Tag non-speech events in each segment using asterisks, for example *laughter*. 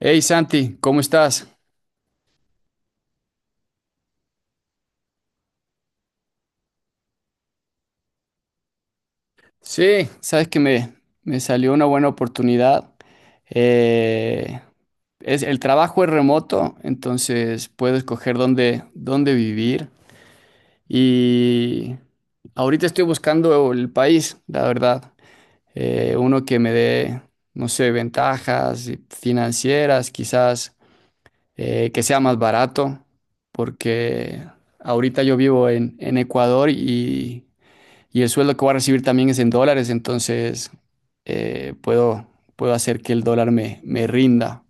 Hey Santi, ¿cómo estás? Sí, sabes que me salió una buena oportunidad. Eh, el trabajo es remoto, entonces puedo escoger dónde vivir. Y ahorita estoy buscando el país, la verdad. Uno que me dé, no sé, ventajas financieras, quizás que sea más barato, porque ahorita yo vivo en Ecuador y el sueldo que voy a recibir también es en dólares, entonces eh, puedo, puedo hacer que el dólar me rinda.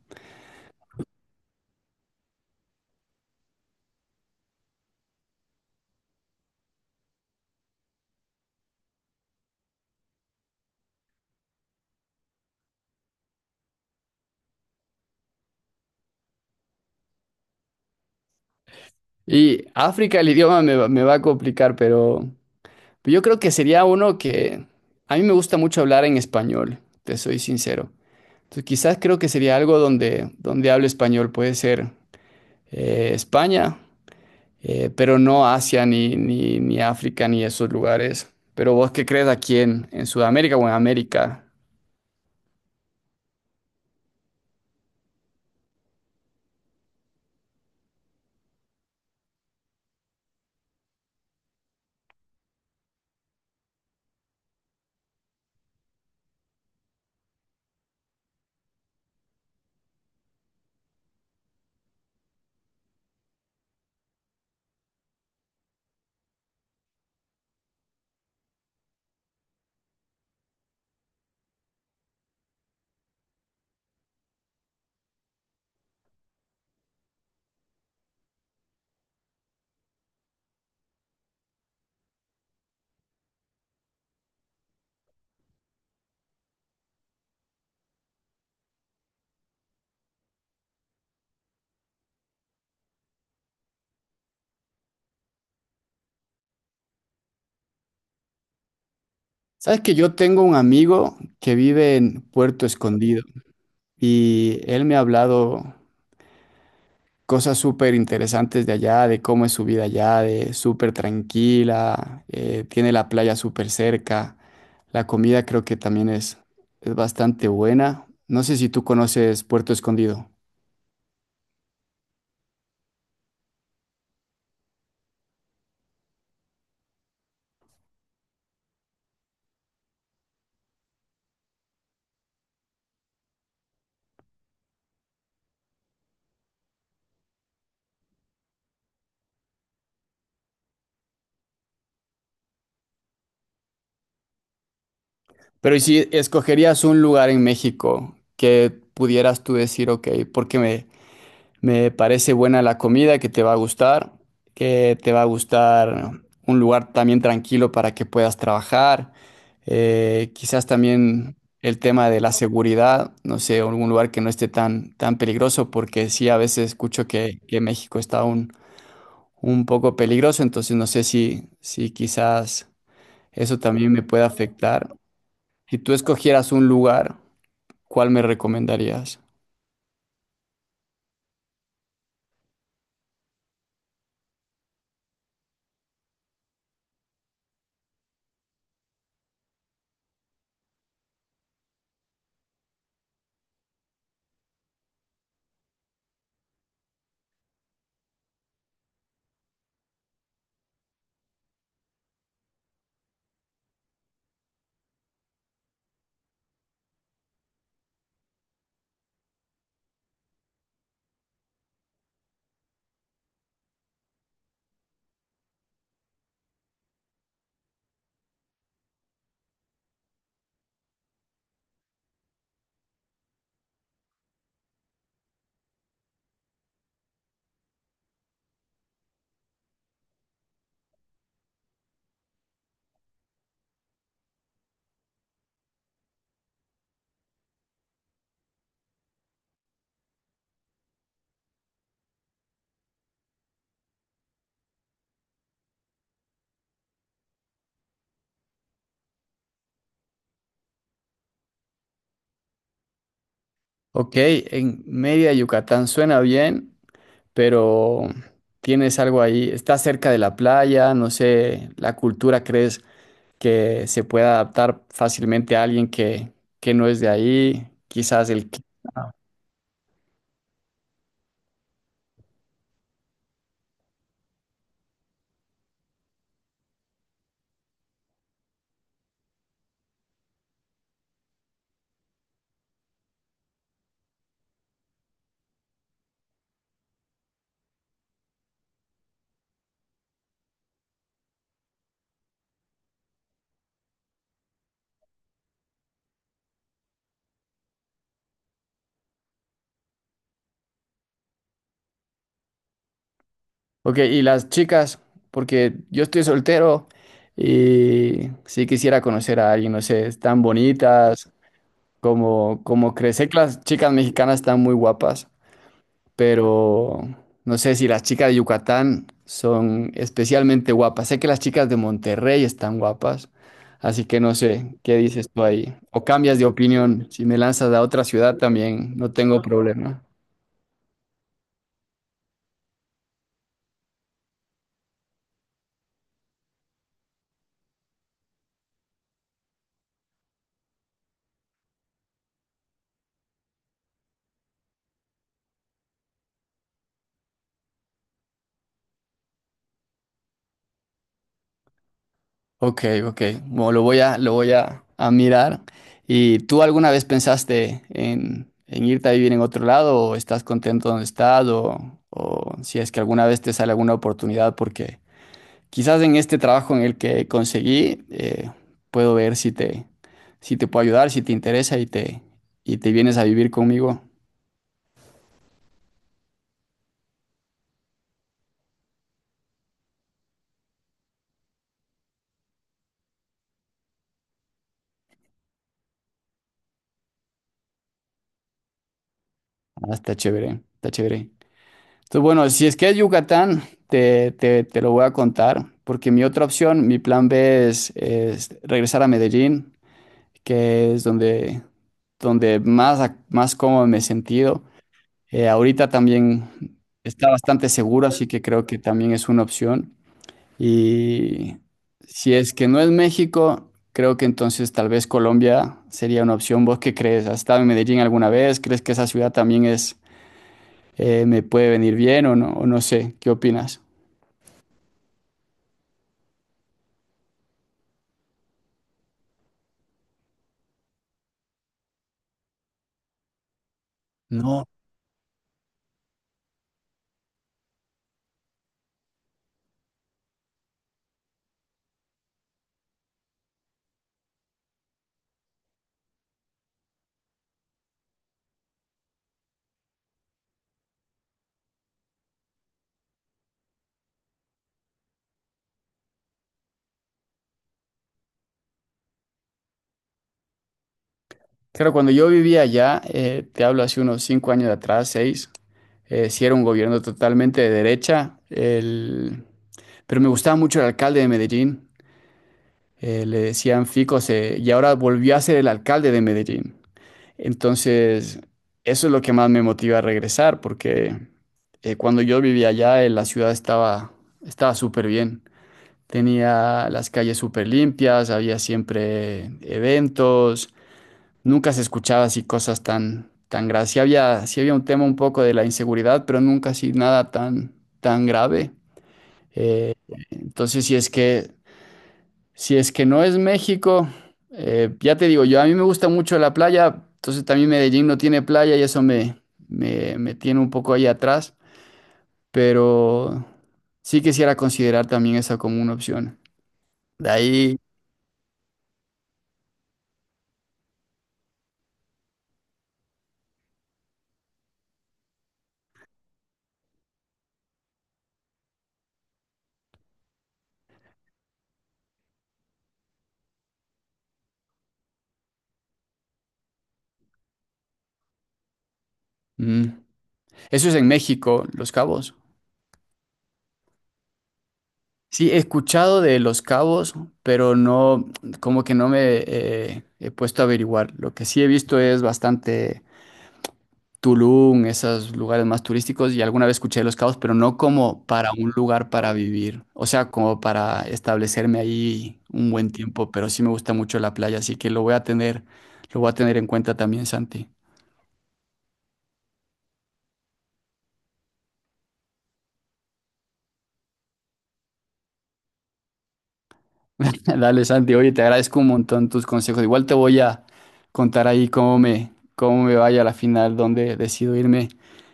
Y África, el idioma me va a complicar, pero yo creo que sería uno que a mí me gusta mucho hablar en español, te soy sincero. Entonces quizás creo que sería algo donde hable español, puede ser España, pero no Asia ni África ni esos lugares. Pero ¿vos qué crees aquí en Sudamérica o en América? Sabes que yo tengo un amigo que vive en Puerto Escondido y él me ha hablado cosas súper interesantes de allá, de cómo es su vida allá, de súper tranquila, tiene la playa súper cerca, la comida creo que también es bastante buena. No sé si tú conoces Puerto Escondido, pero ¿y si escogerías un lugar en México que pudieras tú decir, ok, porque me, me parece buena la comida, que te va a gustar, que te va a gustar un lugar también tranquilo para que puedas trabajar. Quizás también el tema de la seguridad, no sé, algún lugar que no esté tan peligroso, porque sí, a veces escucho que México está un poco peligroso, entonces no sé si quizás eso también me puede afectar. Si tú escogieras un lugar, ¿cuál me recomendarías? Ok, en Mérida, Yucatán, suena bien. Pero tienes algo ahí, está cerca de la playa, no sé, la cultura crees que se pueda adaptar fácilmente a alguien que no es de ahí, quizás. Ok, y las chicas, porque yo estoy soltero y sí quisiera conocer a alguien, no sé, están bonitas, como, como crees, sé que las chicas mexicanas están muy guapas. Pero no sé si las chicas de Yucatán son especialmente guapas. Sé que las chicas de Monterrey están guapas, así que no sé qué dices tú ahí. O cambias de opinión, si me lanzas a otra ciudad también, no tengo problema. Ok, ok, bueno, lo voy a mirar. ¿Y tú alguna vez pensaste en irte a vivir en otro lado o estás contento donde estás o si es que alguna vez te sale alguna oportunidad porque quizás en este trabajo en el que conseguí, puedo ver si te puedo ayudar, si te interesa y te vienes a vivir conmigo. Ah, está chévere, está chévere. Entonces, bueno, si es que es Yucatán, te lo voy a contar, porque mi otra opción, mi plan B es regresar a Medellín, que es donde más cómodo me he sentido. Ahorita también está bastante seguro, así que creo que también es una opción. Y si es que no es México, creo que entonces tal vez Colombia sería una opción. ¿Vos qué crees? ¿Has estado en Medellín alguna vez? ¿Crees que esa ciudad también me puede venir bien o no? O no sé, ¿qué opinas? No. Claro, cuando yo vivía allá, te hablo hace unos 5 años atrás, 6, sí era un gobierno totalmente de derecha, pero me gustaba mucho el alcalde de Medellín, le decían Fico, y ahora volvió a ser el alcalde de Medellín. Entonces, eso es lo que más me motiva a regresar, porque cuando yo vivía allá, la ciudad estaba súper bien. Tenía las calles súper limpias, había siempre eventos, nunca se escuchaba así cosas tan graves. Sí había un tema un poco de la inseguridad, pero nunca así nada tan grave. Eh, entonces, si es que no es México, ya te digo, yo a mí me gusta mucho la playa, entonces también Medellín no tiene playa y eso me tiene un poco ahí atrás, pero sí quisiera considerar también esa como una opción. De ahí, mm, eso es en México, Los Cabos. Sí, he escuchado de Los Cabos, pero no, como que no me he puesto a averiguar. Lo que sí he visto es bastante Tulum, esos lugares más turísticos, y alguna vez escuché de Los Cabos, pero no como para un lugar para vivir, o sea, como para establecerme ahí un buen tiempo, pero sí me gusta mucho la playa, así que lo voy a tener en cuenta también, Santi. *laughs* Dale, Santi, oye, te agradezco un montón tus consejos. Igual te voy a contar ahí cómo me vaya a la final, dónde decido irme,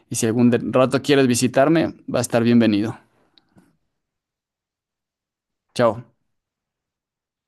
y si algún rato quieres visitarme, va a estar bienvenido. Chao.